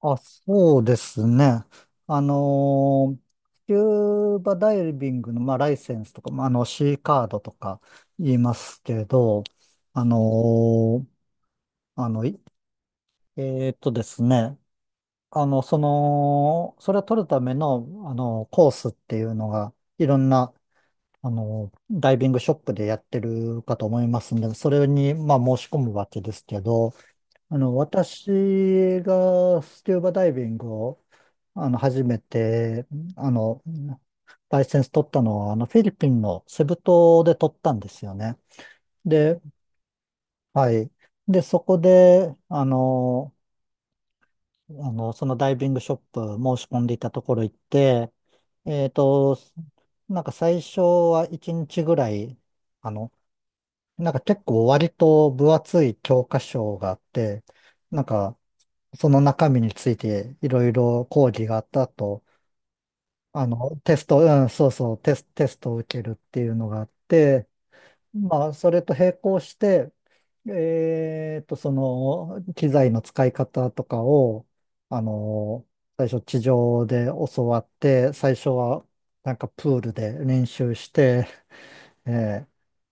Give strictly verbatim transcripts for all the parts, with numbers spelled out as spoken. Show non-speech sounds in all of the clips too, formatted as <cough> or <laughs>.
あ、そうですね。あのースキューバダイビングの、まあ、ライセンスとか、まあ、あの、C カードとか言いますけど、あのーあの、いえーっとですね、あの、その、それを取るための、あの、コースっていうのが、いろんな、あの、ダイビングショップでやってるかと思いますんで、それに、まあ、申し込むわけですけど、あの、私がスキューバダイビングをあの、初めて、あの、ライセンス取ったのは、あの、フィリピンのセブ島で取ったんですよね。で、はい。で、そこで、あの、あの、そのダイビングショップ申し込んでいたところ行って、えっと、なんか最初はいちにちぐらい、あの、なんか結構割と分厚い教科書があって、なんかその中身についていろいろ講義があった後、あの、テスト、うん、そうそう、テス、テストを受けるっていうのがあって、まあ、それと並行して、えーと、その、機材の使い方とかを、あの、最初地上で教わって、最初はなんかプールで練習して、ええ、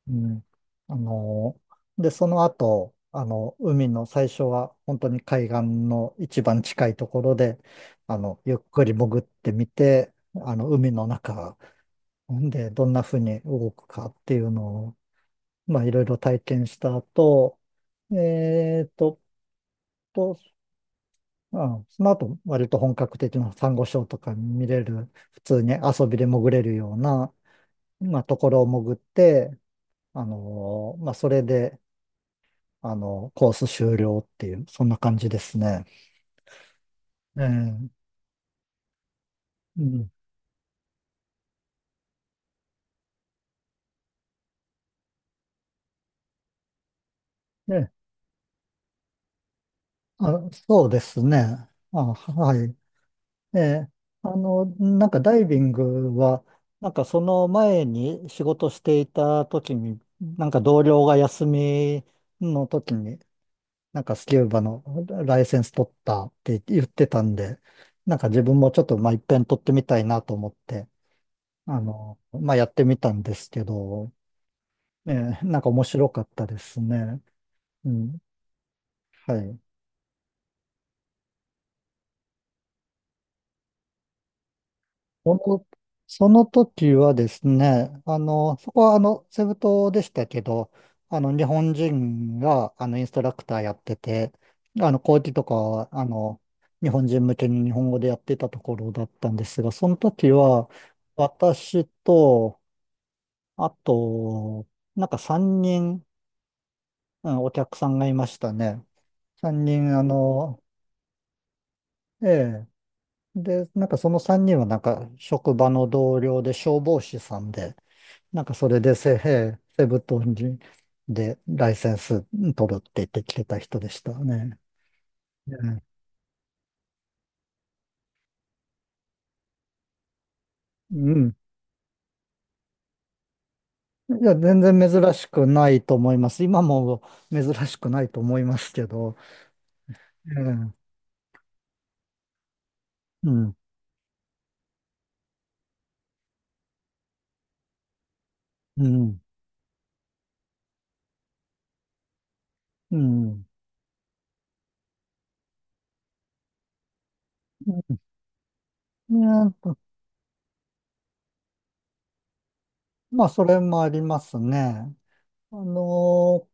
うん。あの、で、その後、あの、海の最初は本当に海岸の一番近いところで、あの、ゆっくり潜ってみて、あの、海の中ほんでどんな風に動くかっていうのを、まあ、いろいろ体験した後、えーと、と、うん、その後、割と本格的なサンゴ礁とか見れる、普通に遊びで潜れるような、まあ、ところを潜って、あのーまあ、それで、あの、コース終了っていう、そんな感じですね。ええ、うん。え、あ、そうですね。あ、はい。えーあの、なんかダイビングは、なんかその前に仕事していた時に、なんか同僚が休みの時に、なんかスキューバのライセンス取ったって言ってたんで、なんか自分もちょっと、まあ、一遍取ってみたいなと思って、あの、まあ、やってみたんですけど、ええ、なんか面白かったですね。うん。はい。その、その時はですね、あの、そこはあの、セブ島でしたけど、あの、日本人が、あの、インストラクターやってて、あの、講義とかは、あの、日本人向けに日本語でやってたところだったんですが、その時は、私と、あと、なんかさんにん、うん、お客さんがいましたね。さんにん、あの、ええ、で、なんかそのさんにんはなんか職場の同僚で消防士さんで、なんかそれでセ、へセブ島にでライセンス取るって言ってきてた人でしたね。ね。うん。いや、全然珍しくないと思います。今も珍しくないと思いますけど。ええ。うん。うん。うん。うん。うん。ね。まあ、それもありますね。あの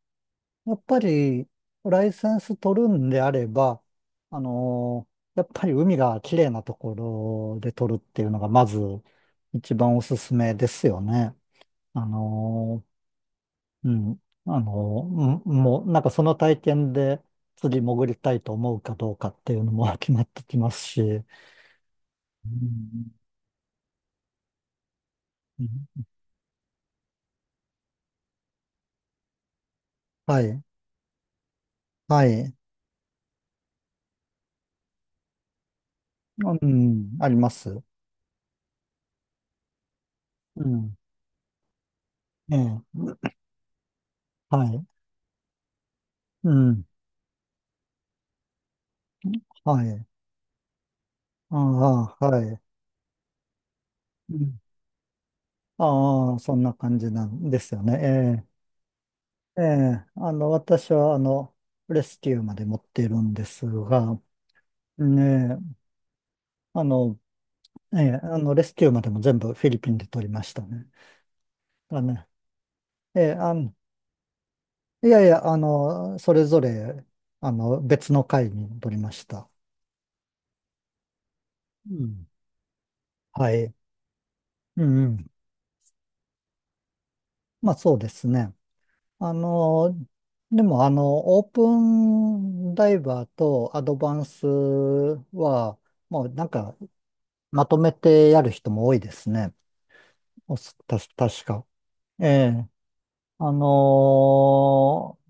やっぱり、ライセンス取るんであれば、あのーやっぱり海が綺麗なところで取るっていうのが、まず一番おすすめですよね。あのーうん。あのーうん、もう、なんかその体験で釣り潜りたいと思うかどうかっていうのも <laughs> 決まってきますし。うん。うん。はい。はい。うん。あります。うん。ええ。はい。うん。はい。ああ、はい。うん。ああ、そんな感じなんですよね。ええ、ええ、あの、私は、あの、レスキューまで持っているんですが、ねえ、あの、ええ、あの、レスキューまでも全部フィリピンで取りましたね。だね、ええ、あの、いやいや、あの、それぞれ、あの、別の会に取りました。うん。はい。うん。うん。まあ、そうですね。あの、でもあの、オープンダイバーとアドバンスは、もうなんかまとめてやる人も多いですね。おす、たし、確か。ええ。あのー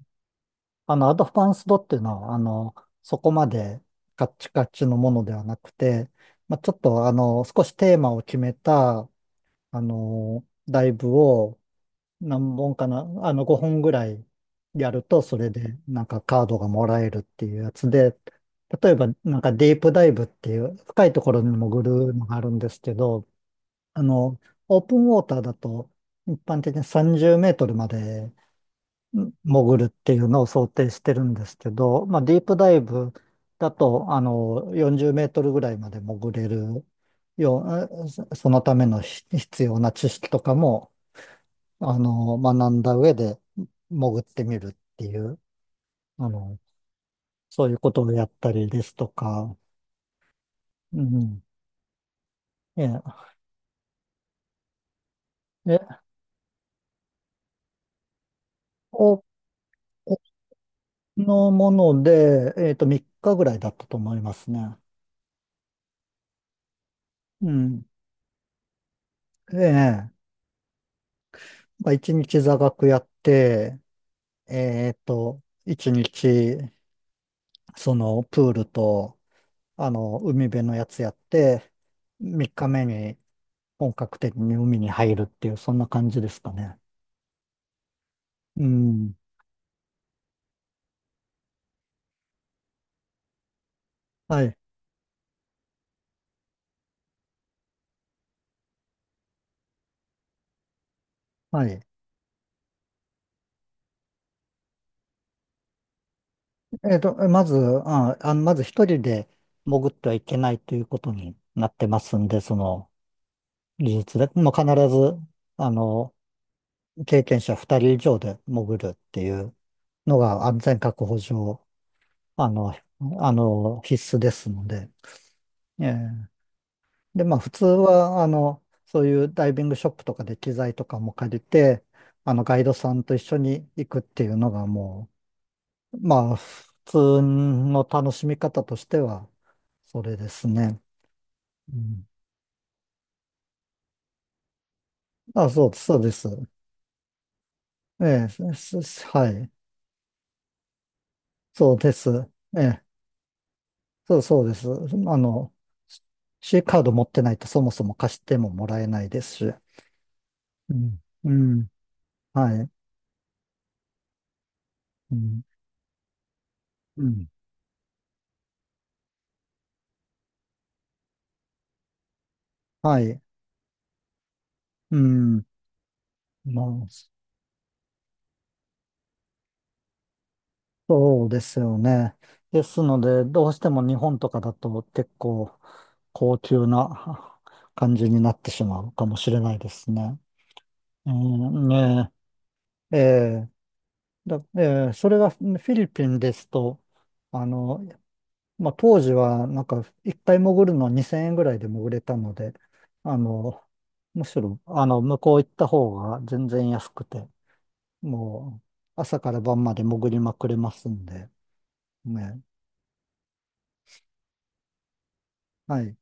あの、アドバンスドっていうのは、あの、そこまでカッチカチのものではなくて、まあ、ちょっと、あの、少しテーマを決めた、あのーライブを何本かな、あの、ごほんぐらいやると、それで、なんかカードがもらえるっていうやつで、例えば、なんかディープダイブっていう、深いところに潜るのがあるんですけど、あの、オープンウォーターだと、一般的にさんじゅうメートルまでん潜るっていうのを想定してるんですけど、まあ、ディープダイブだと、あの、よんじゅうメートルぐらいまで潜れるよう、あそそのためのひ必要な知識とかも、あの、学んだ上で潜ってみるっていう、あの、そういうことをやったりですとか、うん。ええ、え、お、おのもので、えっと、みっかぐらいだったと思いますね。うん。ええ。まあ、一日座学やって、えーっと、一日、その、プールと、あの、海辺のやつやって、三日目に本格的に海に入るっていう、そんな感じですかね。うん。はい。はい。えーっと、まず、あ、あの、まず一人で潜ってはいけないということになってますんで、その、技術で、もう必ず、あの、経験者二人以上で潜るっていう、のが安全確保上、あの、あの、必須ですので。ええ、で、まあ、普通は、あの、そういうダイビングショップとかで機材とかも借りて、あの、ガイドさんと一緒に行くっていうのがもう、まあ、普通の楽しみ方としては、それですね。うん、あ、そうです、そうです。ええ、すすはい。そうです。ええ、そう、そうです。あの、C カード持ってないとそもそも貸してももらえないですし。うん。うん。はい。うん。うん。はい。うん。まあ、そうですよね。ですので、どうしても日本とかだと結構高級な感じになってしまうかもしれないですね。えーねえ、えーだ、ええ、それがフィリピンですと、あの、まあ、当時はなんか一回潜るのにせんえんぐらいで潜れたので、あの、むしろ、あの、向こう行った方が全然安くて、もう、朝から晩まで潜りまくれますんで、ね。はい。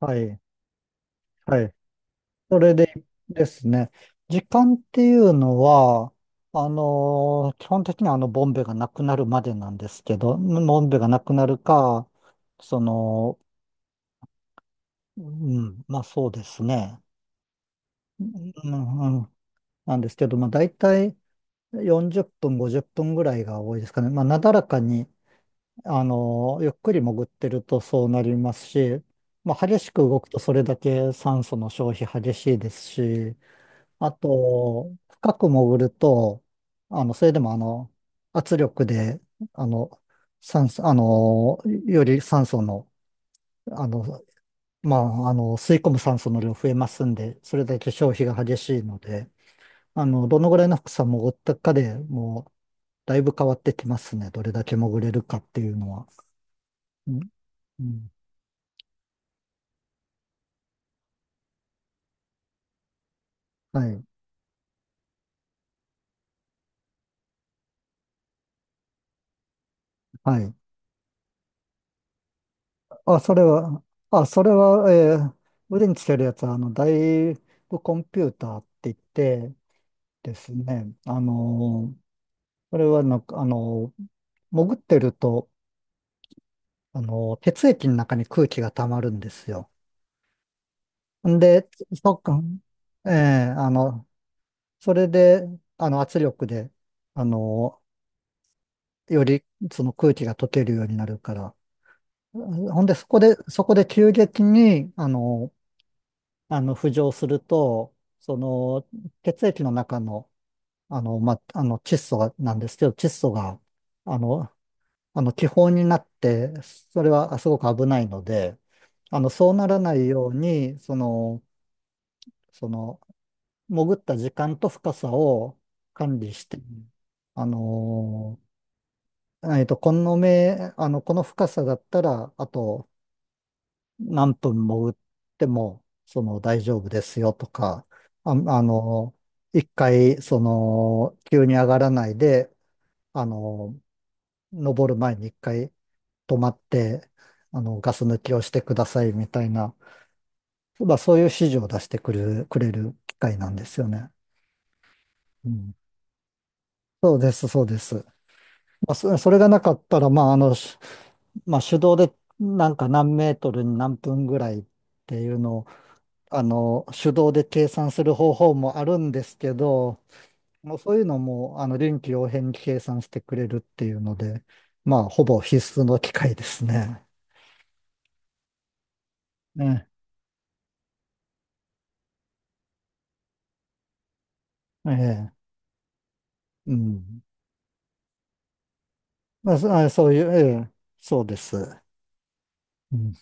はい。はい。それでですね、時間っていうのは、あのー基本的にはあの、ボンベがなくなるまでなんですけど、ボンベがなくなるか、その、うん、まあ、そうですね。うん、うん、なんですけど、まあ大体よんじゅっぷん、ごじゅっぷんぐらいが多いですかね。まあ、なだらかに、あの、ゆっくり潜ってるとそうなりますし、まあ、激しく動くとそれだけ酸素の消費激しいですし、あと、深く潜ると、あの、それでもあの、圧力で、あの、酸素、あの、より酸素の、あの、まあ、あの、吸い込む酸素の量増えますんで、それだけ消費が激しいので、あの、どのぐらいの深さ潜ったかでもう、だいぶ変わってきますね。どれだけ潜れるかっていうのは。うん。うん。はい。はい。あ、それは、あ、それは、えー腕につけるやつは、あの、大部コンピューターって言ってですね、あのーそれはなんか、あのー潜ってると、あのー血液の中に空気が溜まるんですよ。んで、そっか、ええ、あの、それで、あの、圧力で、あのーより、その空気が溶けるようになるから、ほんで、そこで、そこで急激に、あのあの、浮上すると、その、血液の中の、あの、ま、あの、窒素が、なんですけど、窒素が、あの、あの、気泡になって、それはあすごく危ないので、あの、そうならないように、その、その、潜った時間と深さを管理して、あの、えっと、この目、あの、この深さだったら、あと、何分潜っても、その大丈夫ですよとか、あ、あの、一回、その、急に上がらないで、あの、登る前に一回止まって、あの、ガス抜きをしてくださいみたいな、まあ、そういう指示を出してくる、くれる機会なんですよね。うん、そうです、そうです。まあ、そそれがなかったら、まあ、あの、しまあ、手動でなんか何メートルに何分ぐらいっていうのをあの、手動で計算する方法もあるんですけど、もうそういうのも、あの、臨機応変に計算してくれるっていうので、まあ、ほぼ必須の機械ですね。ね、ええ、うん。まあ、そあそういう、ええ、そうです。うん。